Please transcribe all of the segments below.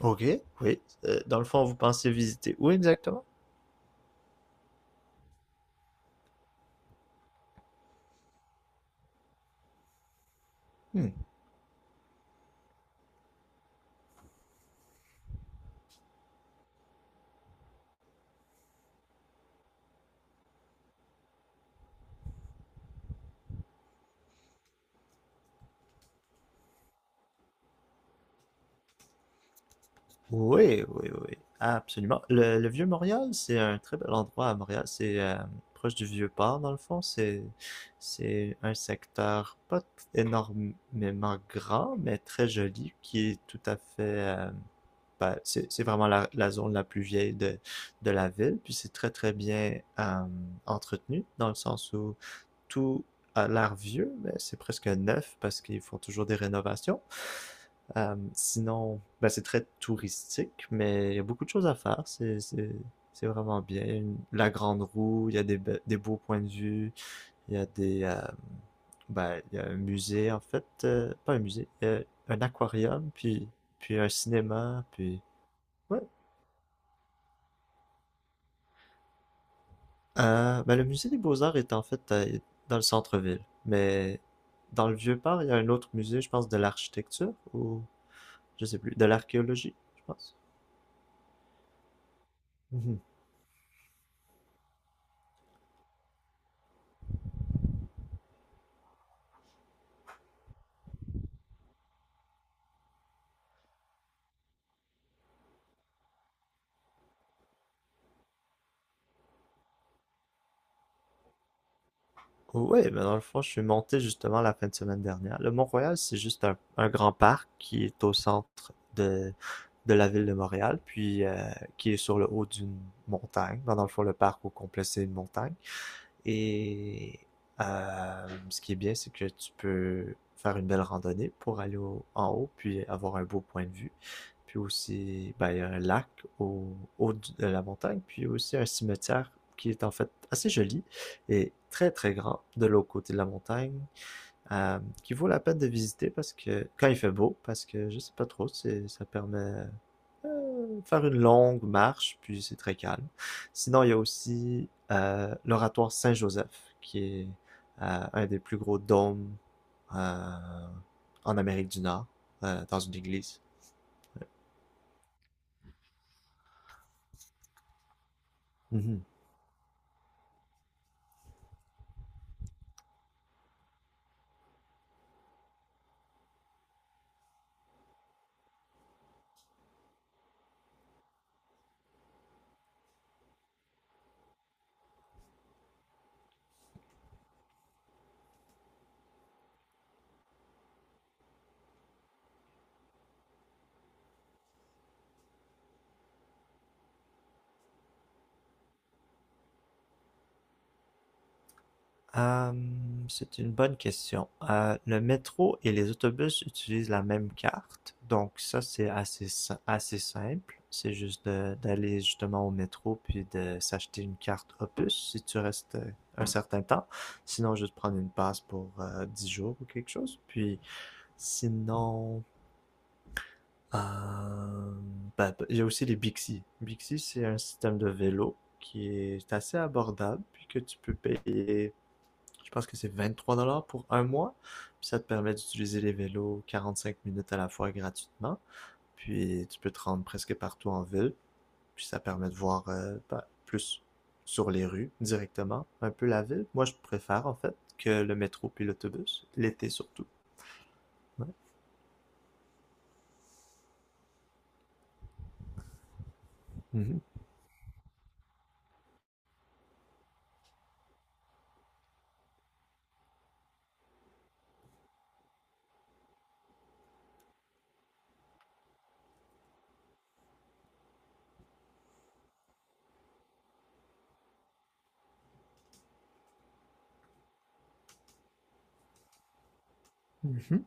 Ok, oui. Dans le fond, vous pensez visiter où exactement? Hmm. Oui, oui, oui. Absolument. Le Vieux-Montréal, c'est un très bel endroit à Montréal. C'est proche du Vieux-Port, dans le fond. C'est un secteur pas t- énormément grand, mais très joli, qui est tout à fait... ben, c'est vraiment la zone la plus vieille de la ville. Puis c'est très, très bien entretenu, dans le sens où tout a l'air vieux, mais c'est presque neuf parce qu'ils font toujours des rénovations. C'est très touristique, mais il y a beaucoup de choses à faire. C'est vraiment bien. La grande roue, il y a des beaux points de vue, il y a il y a un musée en fait, pas un musée, un aquarium, puis puis un cinéma, puis ouais. Le musée des Beaux-Arts est en fait dans le centre-ville, mais dans le Vieux-Port, il y a un autre musée, je pense, de l'architecture ou je sais plus, de l'archéologie, je pense. Mhm. Oui, mais dans le fond, je suis monté justement la fin de semaine dernière. Le Mont-Royal, c'est juste un grand parc qui est au centre de la ville de Montréal, puis qui est sur le haut d'une montagne. Ben, dans le fond, le parc au complet, c'est une montagne. Et ce qui est bien, c'est que tu peux faire une belle randonnée pour en haut, puis avoir un beau point de vue. Puis aussi, ben, il y a un lac au haut de la montagne, puis aussi un cimetière qui est en fait assez joli et très très grand de l'autre côté de la montagne, qui vaut la peine de visiter parce que quand il fait beau, parce que je sais pas trop, c'est ça permet faire une longue marche, puis c'est très calme. Sinon, il y a aussi l'oratoire Saint-Joseph, qui est un des plus gros dômes euh, en Amérique du Nord, dans une église. Mhm. C'est une bonne question. Le métro et les autobus utilisent la même carte, donc ça c'est assez, si- assez simple. C'est juste d'aller justement au métro puis de s'acheter une carte Opus si tu restes un certain temps. Sinon, juste prendre une passe pour 10 jours ou quelque chose. Puis sinon, euh, il y a aussi les Bixi. Bixi, c'est un système de vélo qui est assez abordable puis que tu peux payer je pense que c'est 23 $ pour un mois. Puis ça te permet d'utiliser les vélos 45 minutes à la fois gratuitement. Puis tu peux te rendre presque partout en ville. Puis ça permet de voir plus sur les rues directement, un peu la ville. Moi, je préfère en fait que le métro puis l'autobus, l'été surtout. Ouais. Mhm. Mhm.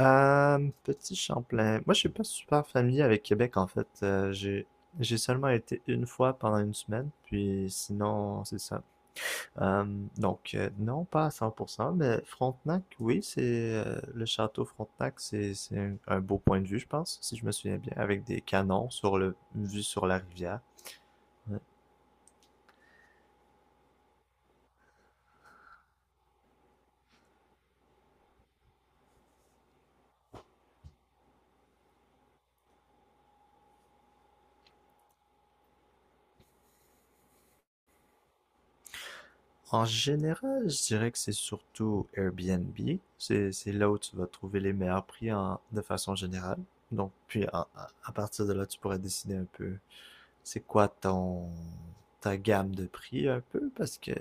Petit Champlain. Moi, je suis pas super familier avec Québec en fait. J'ai seulement été une fois pendant une semaine, puis sinon, c'est ça. Euh, donc, non, pas à 100%, mais Frontenac, oui, c'est le château Frontenac, c'est un beau point de vue, je pense, si je me souviens bien, avec des canons sur le vue sur la rivière. Ouais. En général, je dirais que c'est surtout Airbnb. C'est là où tu vas trouver les meilleurs prix en, de façon générale. Donc, puis à partir de là, tu pourrais décider un peu c'est quoi ton ta gamme de prix un peu? Parce que.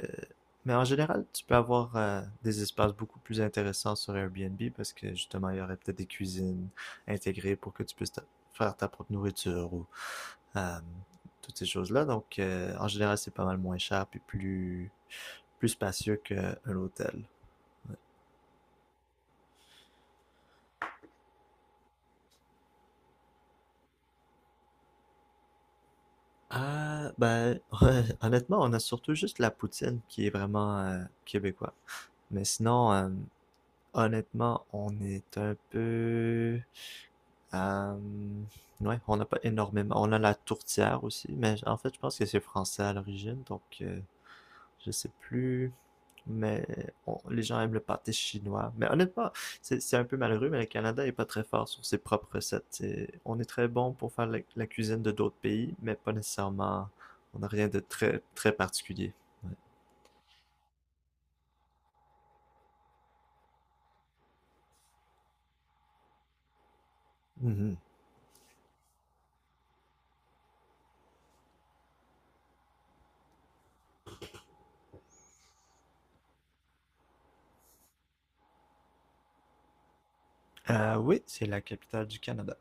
Mais en général, tu peux avoir des espaces beaucoup plus intéressants sur Airbnb parce que justement, il y aurait peut-être des cuisines intégrées pour que tu puisses faire ta propre nourriture ou euh, toutes ces choses-là. Donc, en général, c'est pas mal moins cher puis plus, plus spacieux qu'un hôtel. Ah, ben, honnêtement, on a surtout juste la poutine qui est vraiment québécois. Mais sinon, honnêtement, on est un peu, hem, ouais, on n'a pas énormément. On a la tourtière aussi, mais en fait, je pense que c'est français à l'origine, donc je sais plus. Mais les gens aiment le pâté chinois. Mais honnêtement, c'est un peu malheureux, mais le Canada est pas très fort sur ses propres recettes. On est très bon pour faire la cuisine de d'autres pays, mais pas nécessairement. On n'a rien de très très particulier. Mhm. Oui, c'est la capitale du Canada.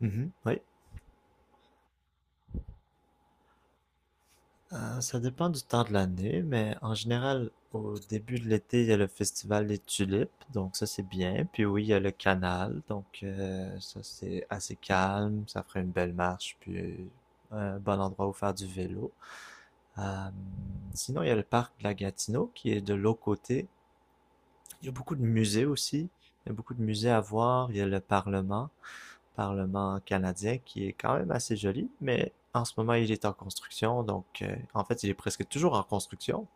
Mhm. Oui. Ça dépend du temps de l'année, mais en général, au début de l'été, il y a le festival des tulipes, donc ça c'est bien. Puis oui, il y a le canal, donc ça c'est assez calme, ça ferait une belle marche, puis un bon endroit où faire du vélo. Euh, sinon, il y a le parc de la Gatineau qui est de l'autre côté, il y a beaucoup de musées aussi. Il y a beaucoup de musées à voir. Il y a le Parlement, Parlement canadien, qui est quand même assez joli, mais en ce moment, il est en construction. Donc, en fait, il est presque toujours en construction.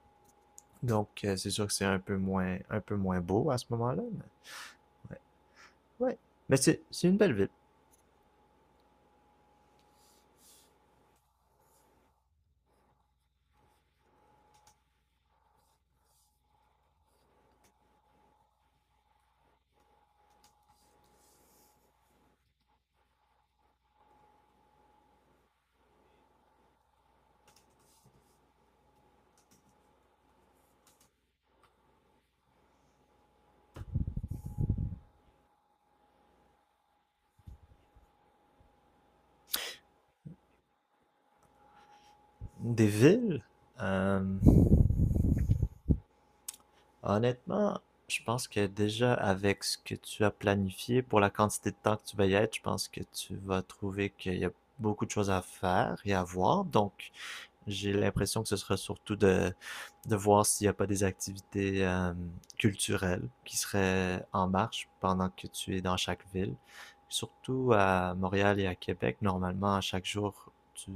Donc, c'est sûr que c'est un peu moins beau à ce moment-là. Mais ouais, mais c'est une belle ville. Des villes. euh, Honnêtement, je pense que déjà avec ce que tu as planifié pour la quantité de temps que tu vas y être, je pense que tu vas trouver qu'il y a beaucoup de choses à faire et à voir. Donc, j'ai l'impression que ce sera surtout de voir s'il n'y a pas des activités culturelles qui seraient en marche pendant que tu es dans chaque ville. Surtout à Montréal et à Québec, normalement, à chaque jour, tu,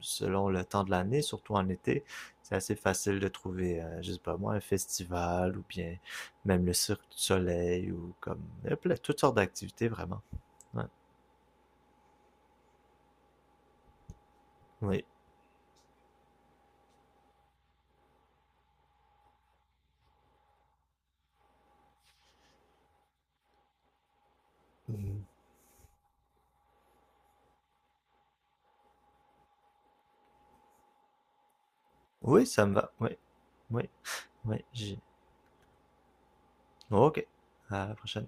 selon le temps de l'année, surtout en été, c'est assez facile de trouver, je sais pas moi, un festival ou bien même le Cirque du Soleil ou comme toutes sortes d'activités vraiment. Ouais. Oui. Oui, ça me va. Oui, oui, oui. J'ai ok, à la prochaine.